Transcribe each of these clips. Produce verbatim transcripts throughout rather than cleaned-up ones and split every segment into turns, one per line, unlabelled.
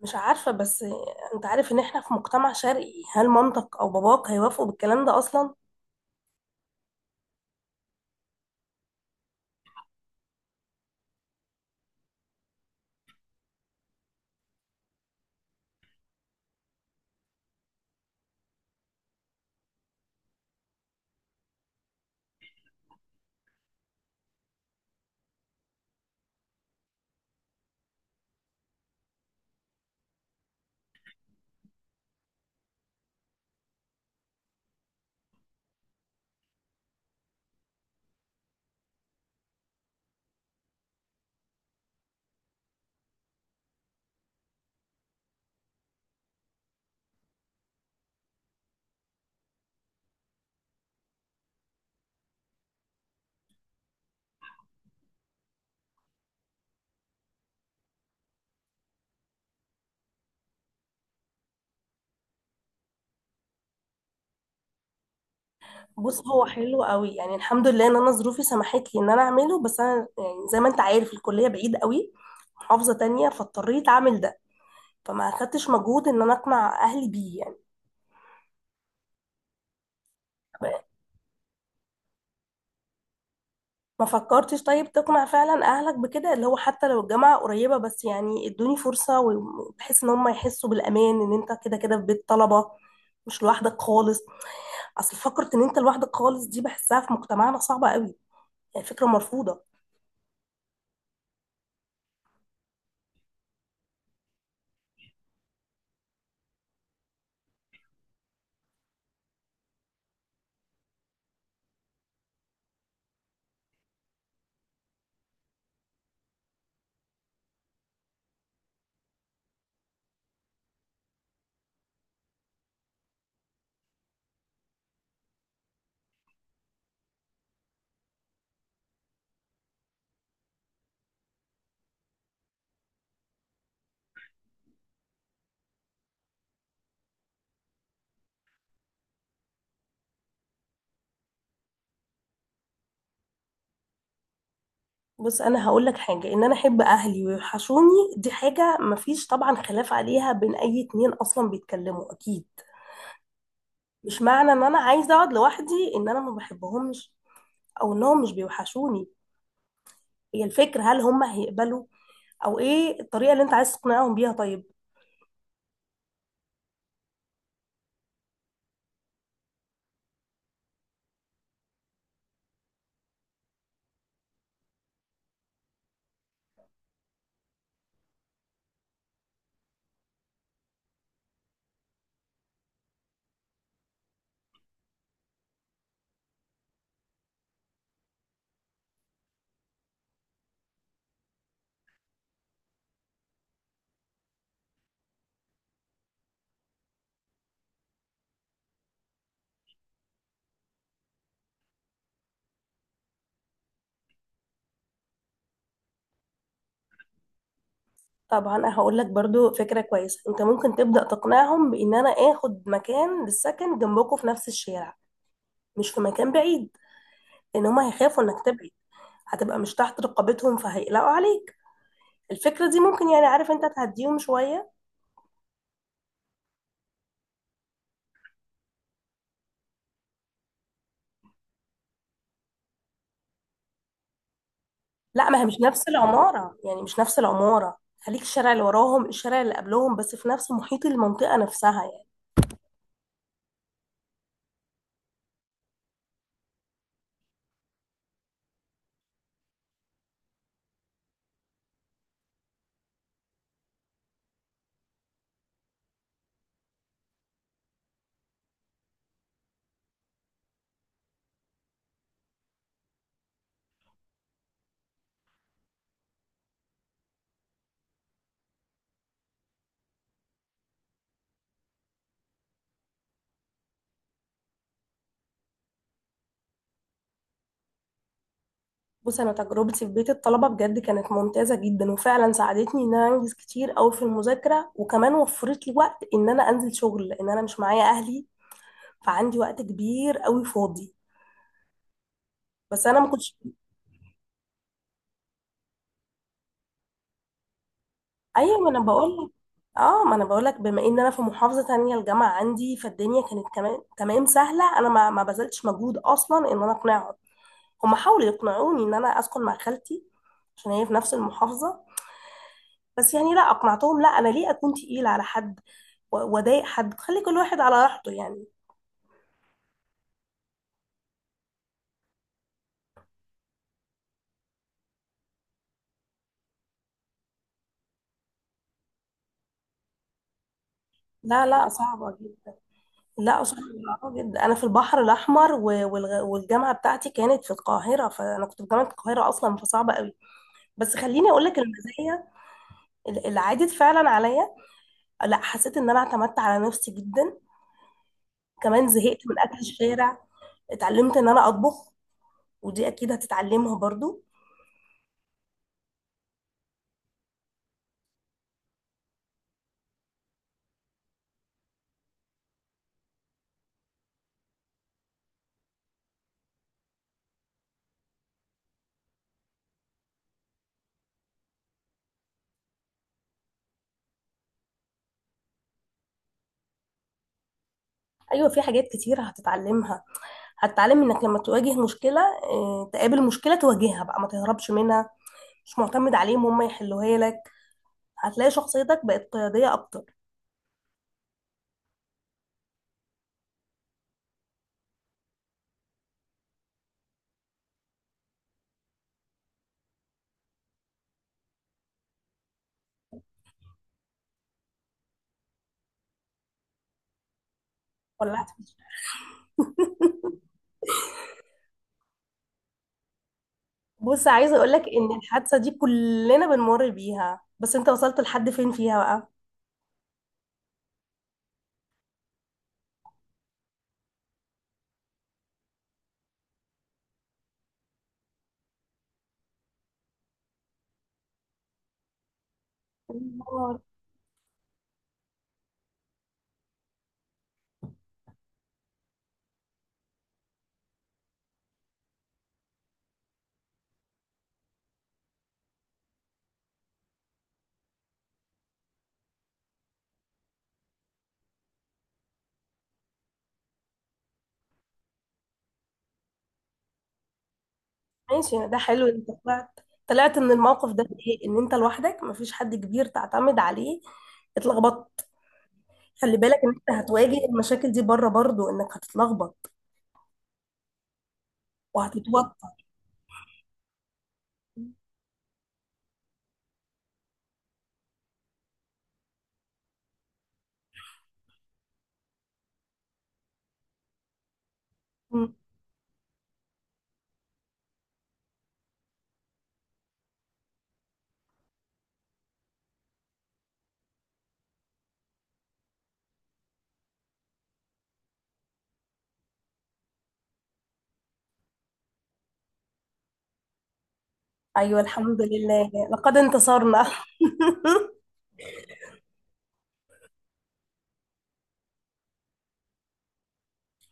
مش عارفة، بس انت عارف ان احنا في مجتمع شرقي. هل مامتك او باباك هيوافقوا بالكلام ده اصلا؟ بص، هو حلو قوي يعني. الحمد لله ان انا ظروفي سمحت لي ان انا اعمله، بس انا يعني زي ما انت عارف الكلية بعيد قوي، محافظة تانية، فاضطريت اعمل ده، فما اخدتش مجهود ان انا اقنع اهلي بيه يعني. ما فكرتش طيب تقنع فعلا اهلك بكده، اللي هو حتى لو الجامعة قريبة بس يعني ادوني فرصة، وبحيث ان هم يحسوا بالامان ان انت كده كده في بيت طلبة، مش لوحدك خالص؟ اصل فكره ان انت لوحدك خالص دي بحسها في مجتمعنا صعبه قوي، يعني فكره مرفوضه. بص، انا هقول لك حاجه: ان انا احب اهلي ويوحشوني دي حاجه مفيش طبعا خلاف عليها بين اي اتنين اصلا بيتكلموا، اكيد. مش معنى ان انا عايزه اقعد لوحدي ان انا ما بحبهمش او انهم مش بيوحشوني. هي الفكره هل هم هيقبلوا؟ او ايه الطريقه اللي انت عايز تقنعهم بيها؟ طيب، طبعا انا هقول لك برضو فكره كويسه. انت ممكن تبدا تقنعهم بان انا اخد مكان للسكن جنبكم في نفس الشارع، مش في مكان بعيد، لان هما هيخافوا انك تبعد، هتبقى مش تحت رقابتهم فهيقلقوا عليك. الفكرة دي ممكن يعني، عارف انت، تهديهم شوية. لا، ما هي مش نفس العمارة يعني، مش نفس العمارة. خليك الشارع اللي وراهم، الشارع اللي قبلهم، بس في نفس محيط المنطقة نفسها يعني. بص، انا تجربتي في بيت الطلبة بجد كانت ممتازة جدا، وفعلا ساعدتني ان انا انجز كتير قوي في المذاكرة، وكمان وفرت لي وقت ان انا انزل شغل لان انا مش معايا اهلي، فعندي وقت كبير قوي فاضي. بس انا ما كنتش. ايوه، ما انا بقول لك، اه ما انا بقول لك، بما ان انا في محافظه تانية الجامعه عندي، فالدنيا كانت كمان تمام سهله. انا ما ما بذلتش مجهود اصلا ان انا اقنعهم. هم حاولوا يقنعوني ان انا اسكن مع خالتي، عشان هي في نفس المحافظه، بس يعني لا، اقنعتهم. لا، انا ليه اكون تقيله على حد و- واضايق حد؟ خلي كل واحد على راحته يعني. لا لا، صعبه جدا. لا صعبه جدا، انا في البحر الاحمر و- والغ- والجامعه بتاعتي كانت في القاهره، فانا كنت في جامعه القاهره اصلا، فصعبه قوي. بس خليني اقول لك المزايا ال- اللي عادت فعلا عليا. لا، حسيت ان انا اعتمدت على نفسي جدا، كمان زهقت من اكل الشارع، اتعلمت ان انا اطبخ، ودي اكيد هتتعلمها برضو. ايوه في حاجات كتير هتتعلمها. هتتعلم انك لما تواجه مشكله، اه، تقابل مشكله تواجهها بقى، ما تهربش منها، مش معتمد عليهم هم يحلوها لك. هتلاقي شخصيتك بقت قياديه اكتر. ولا لا؟ بص، عايزه اقول لك ان الحادثه دي كلنا بنمر بيها، بس انت وصلت لحد فين فيها؟ بقى، ماشي يعني، ده حلو انت طلعت، طلعت من الموقف ده. ايه؟ ان انت لوحدك مفيش حد كبير تعتمد عليه، اتلخبطت. خلي بالك ان انت هتواجه المشاكل دي بره برضو، انك هتتلخبط وهتتوتر. مم. ايوه، الحمد لله لقد انتصرنا.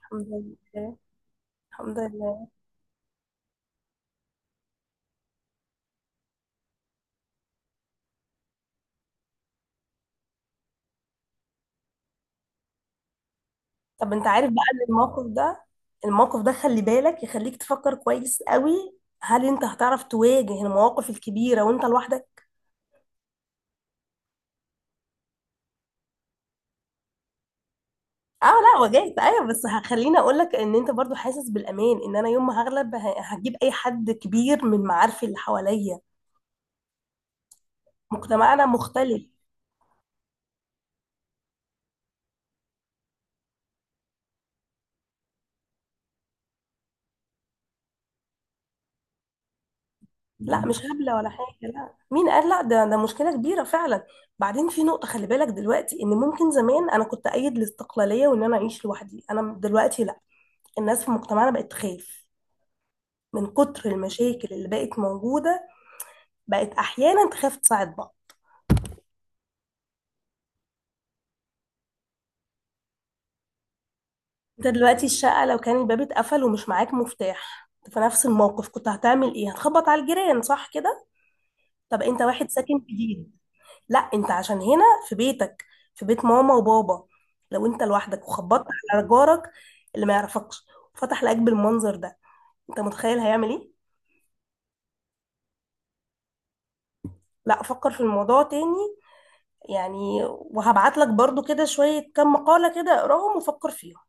الحمد لله، الحمد لله. طب انت عارف بقى ان الموقف ده، الموقف ده، خلي بالك يخليك تفكر كويس قوي. هل انت هتعرف تواجه المواقف الكبيرة وانت لوحدك؟ اه لا، واجهت، ايوه، بس هخليني اقول لك ان انت برضو حاسس بالامان ان انا يوم ما هغلب ه- هجيب اي حد كبير من معارفي اللي حواليا. مجتمعنا مختلف. لا مش هبله ولا حاجه، لا، مين قال؟ لا، ده ده مشكله كبيره فعلا. بعدين في نقطه خلي بالك دلوقتي، ان ممكن زمان انا كنت ايد الاستقلاليه وان انا اعيش لوحدي، انا دلوقتي لا. الناس في مجتمعنا بقت تخاف من كتر المشاكل اللي بقت موجوده، بقت احيانا تخاف تساعد بعض. انت دلوقتي الشقة لو كان الباب اتقفل ومش معاك مفتاح، في نفس الموقف كنت هتعمل ايه؟ هتخبط على الجيران، صح كده؟ طب انت واحد ساكن جديد. لا، انت عشان هنا في بيتك، في بيت ماما وبابا. لو انت لوحدك وخبطت على جارك اللي ما يعرفكش وفتح لك بالمنظر ده، انت متخيل هيعمل ايه؟ لا، فكر في الموضوع تاني، يعني. وهبعت لك برضو كده شوية كم مقالة، كده اقراهم وفكر فيهم.